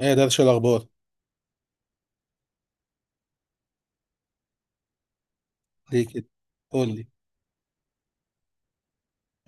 ايه ده، شو الاخبار؟ ليه كده؟ قول لي.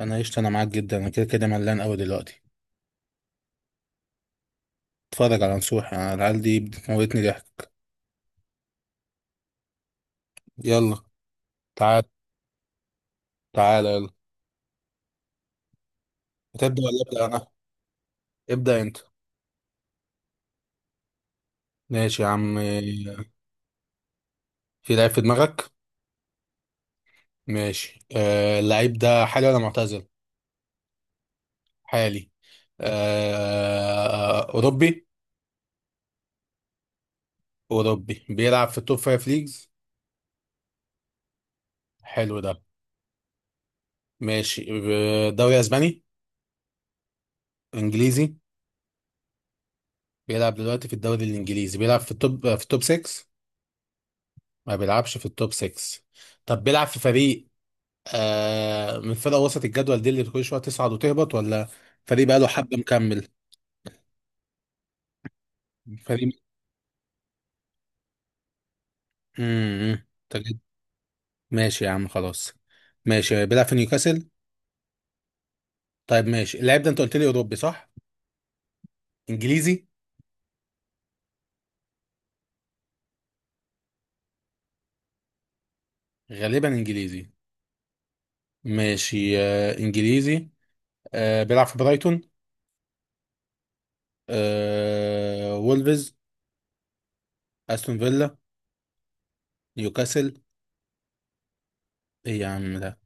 انا معاك جدا، انا كده كده ملان قوي دلوقتي. اتفرج على نصوح، انا العيال دي بتموتني ضحك. يلا. تعال تعال. يلا هتبدا ولا ابدا انا؟ ابدا انت. ماشي يا عم. في لعيب في دماغك. ماشي. آه، اللعيب ده حالي ولا معتزل؟ حالي. آه اوروبي. اوروبي بيلعب في التوب فايف ليجز. حلو ده. ماشي. دوري اسباني؟ انجليزي. بيلعب دلوقتي في الدوري الانجليزي، بيلعب في التوب 6؟ ما بيلعبش في التوب 6. طب بيلعب في فريق، آه، من فرق وسط الجدول دي اللي كل شويه تصعد وتهبط، ولا فريق بقى له حبه مكمل؟ فريق. تجد. ماشي يا عم، خلاص. ماشي، بيلعب في نيوكاسل؟ طيب ماشي، اللاعب ده انت قلت لي اوروبي صح؟ انجليزي؟ غالبا انجليزي. ماشي، آه انجليزي. آه بيلعب في برايتون؟ آه وولفز؟ استون فيلا؟ نيوكاسل؟ ايه يا عم ده؟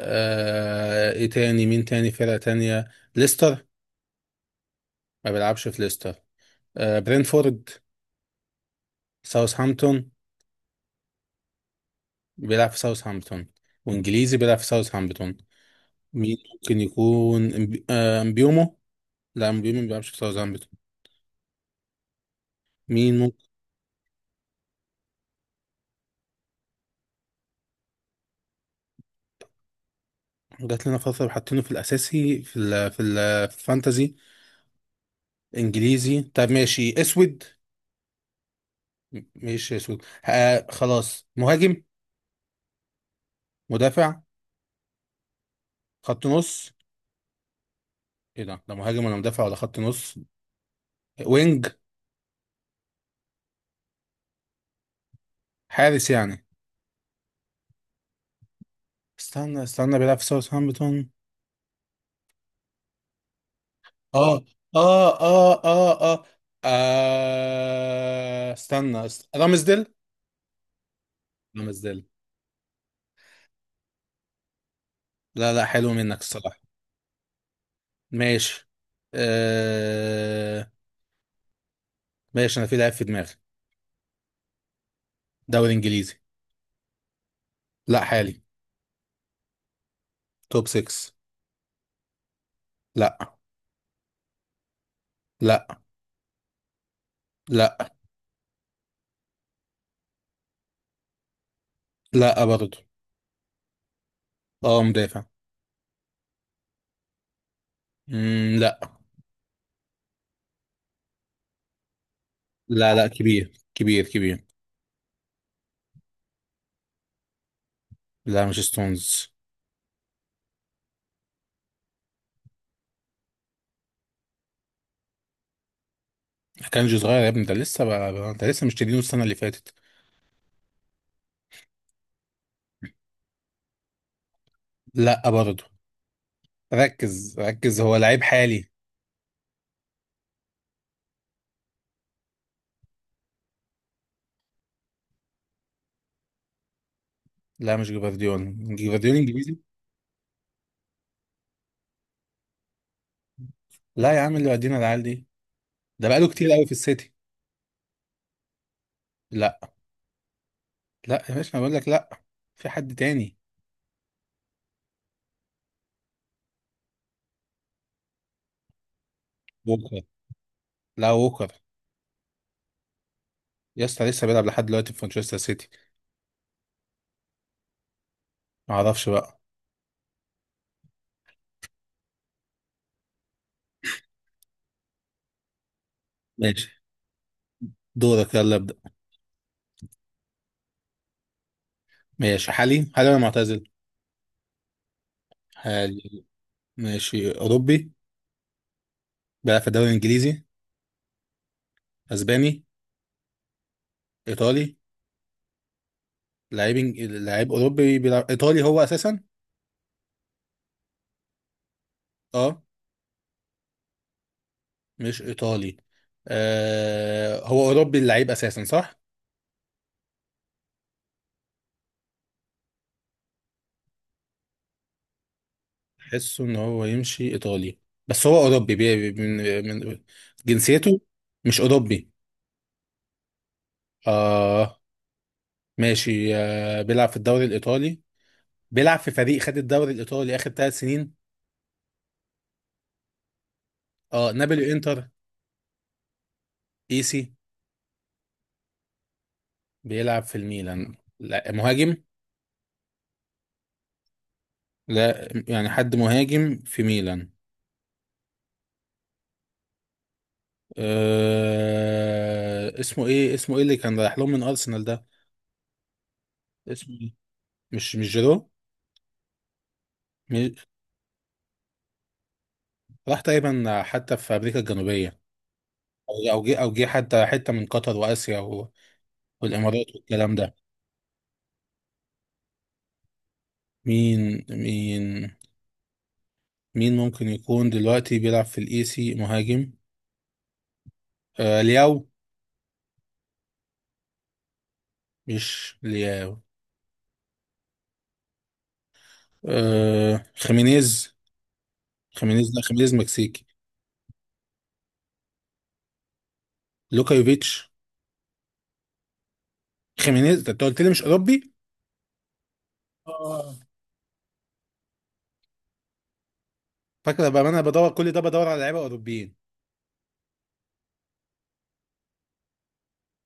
آه، ايه تاني؟ مين تاني؟ فرقه تانيه؟ ليستر؟ ما بيلعبش في ليستر. آه برينفورد؟ ساوثهامبتون؟ بيلعب في ساوثهامبتون. وانجليزي بيلعب في ساوثهامبتون. مين ممكن يكون؟ امبيومو؟ لا، امبيومو ما بيلعبش في ساوثهامبتون. مين ممكن؟ جات لنا فترة حاطينه في الأساسي، في ال في ال في الفانتازي. إنجليزي، طب ماشي. أسود؟ ماشي أسود. آه خلاص، مهاجم؟ مدافع؟ خط نص؟ إيه ده؟ ده مهاجم ولا مدافع ولا خط نص؟ وينج؟ حارس يعني؟ استنى، بيلعب في ساوثهامبتون. اه اه اه اه اه. آه، رامزديل؟ رامزديل. لا لا، حلو منك الصراحة. ماشي. آه، ماشي. انا في لعيب في دماغي. دوري انجليزي. لا حالي. توب 6. لا. لا. لا. لا برضه. اه مدافع. مم، لا لا. لا، كبير كبير كبير. لا مش ستونز. كانجي صغير يا ابني، ده لسه بقى، انت لسه مش تدينه السنة اللي فاتت. لا برضه. ركز ركز، هو لعيب حالي. لا مش جفارديول، جفارديول انجليزي. لا يا عم اللي ودينا العيال دي، ده بقاله كتير قوي في السيتي. لا. لا يا باشا انا بقول لك لا. في حد تاني. ووكر؟ لا ووكر، يا اسطى لسه بيلعب لحد دلوقتي في مانشستر سيتي. ما اعرفش بقى. ماشي، دورك يلا ابدا. ماشي. حالي حالي ولا معتزل؟ حالي. ماشي. اوروبي. بيلعب في الدوري الانجليزي؟ اسباني؟ ايطالي؟ لعيب لعيب اوروبي بيلعب ايطالي هو اساسا. اه. مش ايطالي. آه، هو اوروبي اللعيب اساسا صح؟ حسه ان هو يمشي ايطالي، بس هو اوروبي. من جنسيته. مش اوروبي؟ اه. ماشي، آه بيلعب في الدوري الايطالي. بيلعب في فريق خد الدوري الايطالي اخر ثلاث سنين. اه نابولي؟ انتر؟ ايسي؟ بيلعب في الميلان. لا مهاجم؟ لا يعني، حد مهاجم في ميلان. آه اسمه ايه؟ اسمه ايه اللي كان رايح لهم من ارسنال ده؟ اسمه ايه؟ مش جيرو؟ مش- راح تقريبا حتى في امريكا الجنوبيه، او جه حتى حته من قطر واسيا والامارات والكلام ده. مين، مين ممكن يكون دلوقتي بيلعب في الاي سي مهاجم؟ آه لياو؟ مش لياو. آه خيمينيز. خيمينيز؟ لا، خيمينيز مكسيكي. لوكا يوفيتش؟ خيمينيز ده انت قلت لي مش اوروبي. اه. فاكره بقى، ما انا بدور كل ده بدور على لعيبه اوروبيين.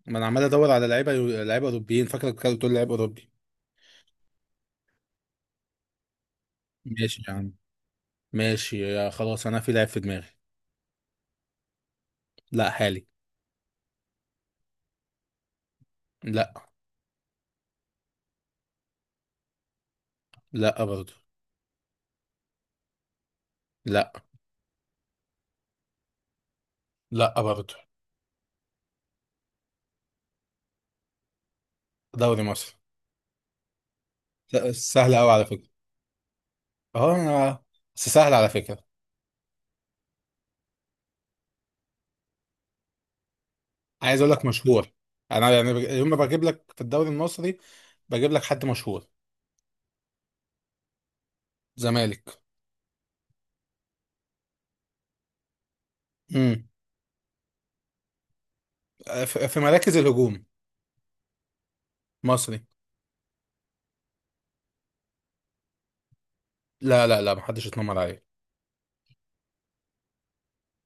ما انا عمال ادور على لعيبه، لعيبه اوروبيين، فاكرك كده بتقول لعيب اوروبي. ماشي يا عم. ماشي يا خلاص، انا في لعيب في دماغي. لا حالي. لا. لا برضه. لا. لا برضه. دوري مصر. سهل قوي على فكره. اه انا. بس سهل على فكره. عايز اقول لك مشهور. انا يعني يوم ما بجيب لك في الدوري المصري، بجيب لك حد مشهور. زمالك. امم. في في مراكز الهجوم. مصري. لا لا لا، محدش اتنمر عليه.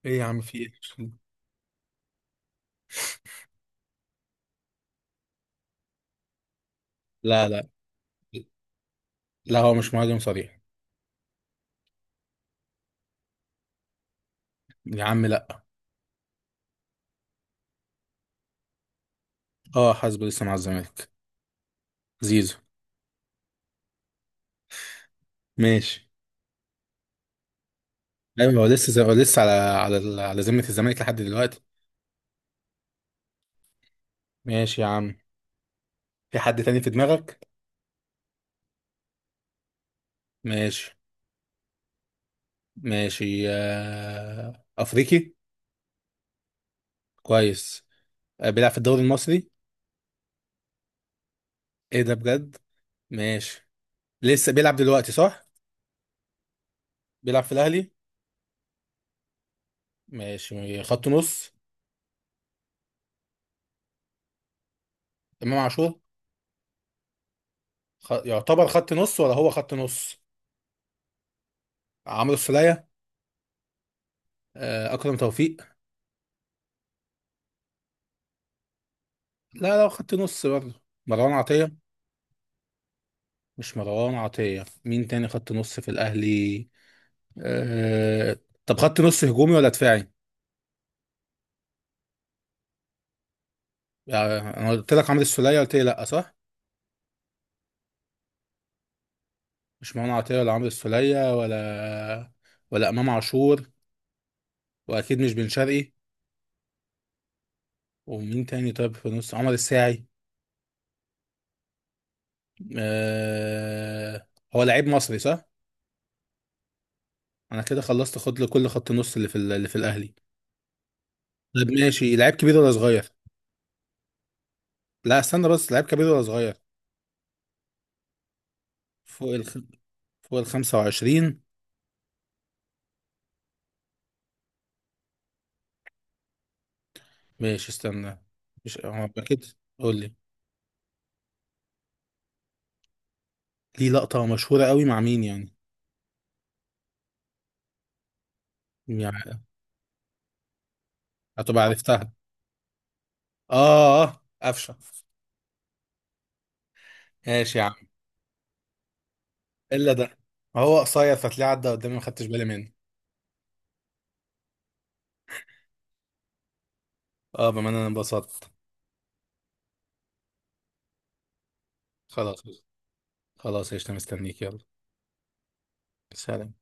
ايه يا عم، في ايه؟ لا لا. لا هو مش مهاجم صريح. يا عم لا. اه حاسبه لسه مع الزمالك. زيزو. ماشي. ايوه هو لسه، هو لسه على ذمه الزمالك لحد دلوقتي. ماشي يا عم. في حد تاني في دماغك. ماشي. ماشي، آه، افريقي. كويس. آه، بيلعب في الدوري المصري. ايه ده بجد. ماشي. لسه بيلعب دلوقتي صح؟ بيلعب في الاهلي. ماشي. خط نص. امام عاشور؟ يعتبر خط نص ولا هو خط نص؟ عمرو السولية؟ آه، اكرم توفيق؟ لا لا، خط نص برضه. مروان عطية؟ مش مروان عطية. مين تاني خط نص في الاهلي؟ أه... طب خط نص هجومي ولا دفاعي؟ يعني انا قلت لك عمرو السولية قلت لي لا صح؟ مش مروان عطية ولا عمرو السولية ولا ولا إمام عاشور، وأكيد مش بن شرقي. ومين تاني؟ طيب في النص، عمر الساعي؟ أه... هو لعيب مصري صح؟ أنا كده خلصت، خد له كل خط النص اللي في الأهلي. طب ماشي، لعيب كبير ولا صغير؟ لا استنى بس، لعيب كبير ولا صغير؟ فوق الخ... فوق ال 25. ماشي استنى، مش هو أكيد. قول لي. ليه لقطة مشهورة قوي مع مين يعني؟ يعني هتبقى عرفتها. آه آه، قفشة. ماشي يا. الا ده، هو قصير فتلاقيه عدى قدامي ما خدتش بالي منه. اه بما ان انا انبسطت. خلاص. خلاص، قشطة، مستنيك. يلا. سلام.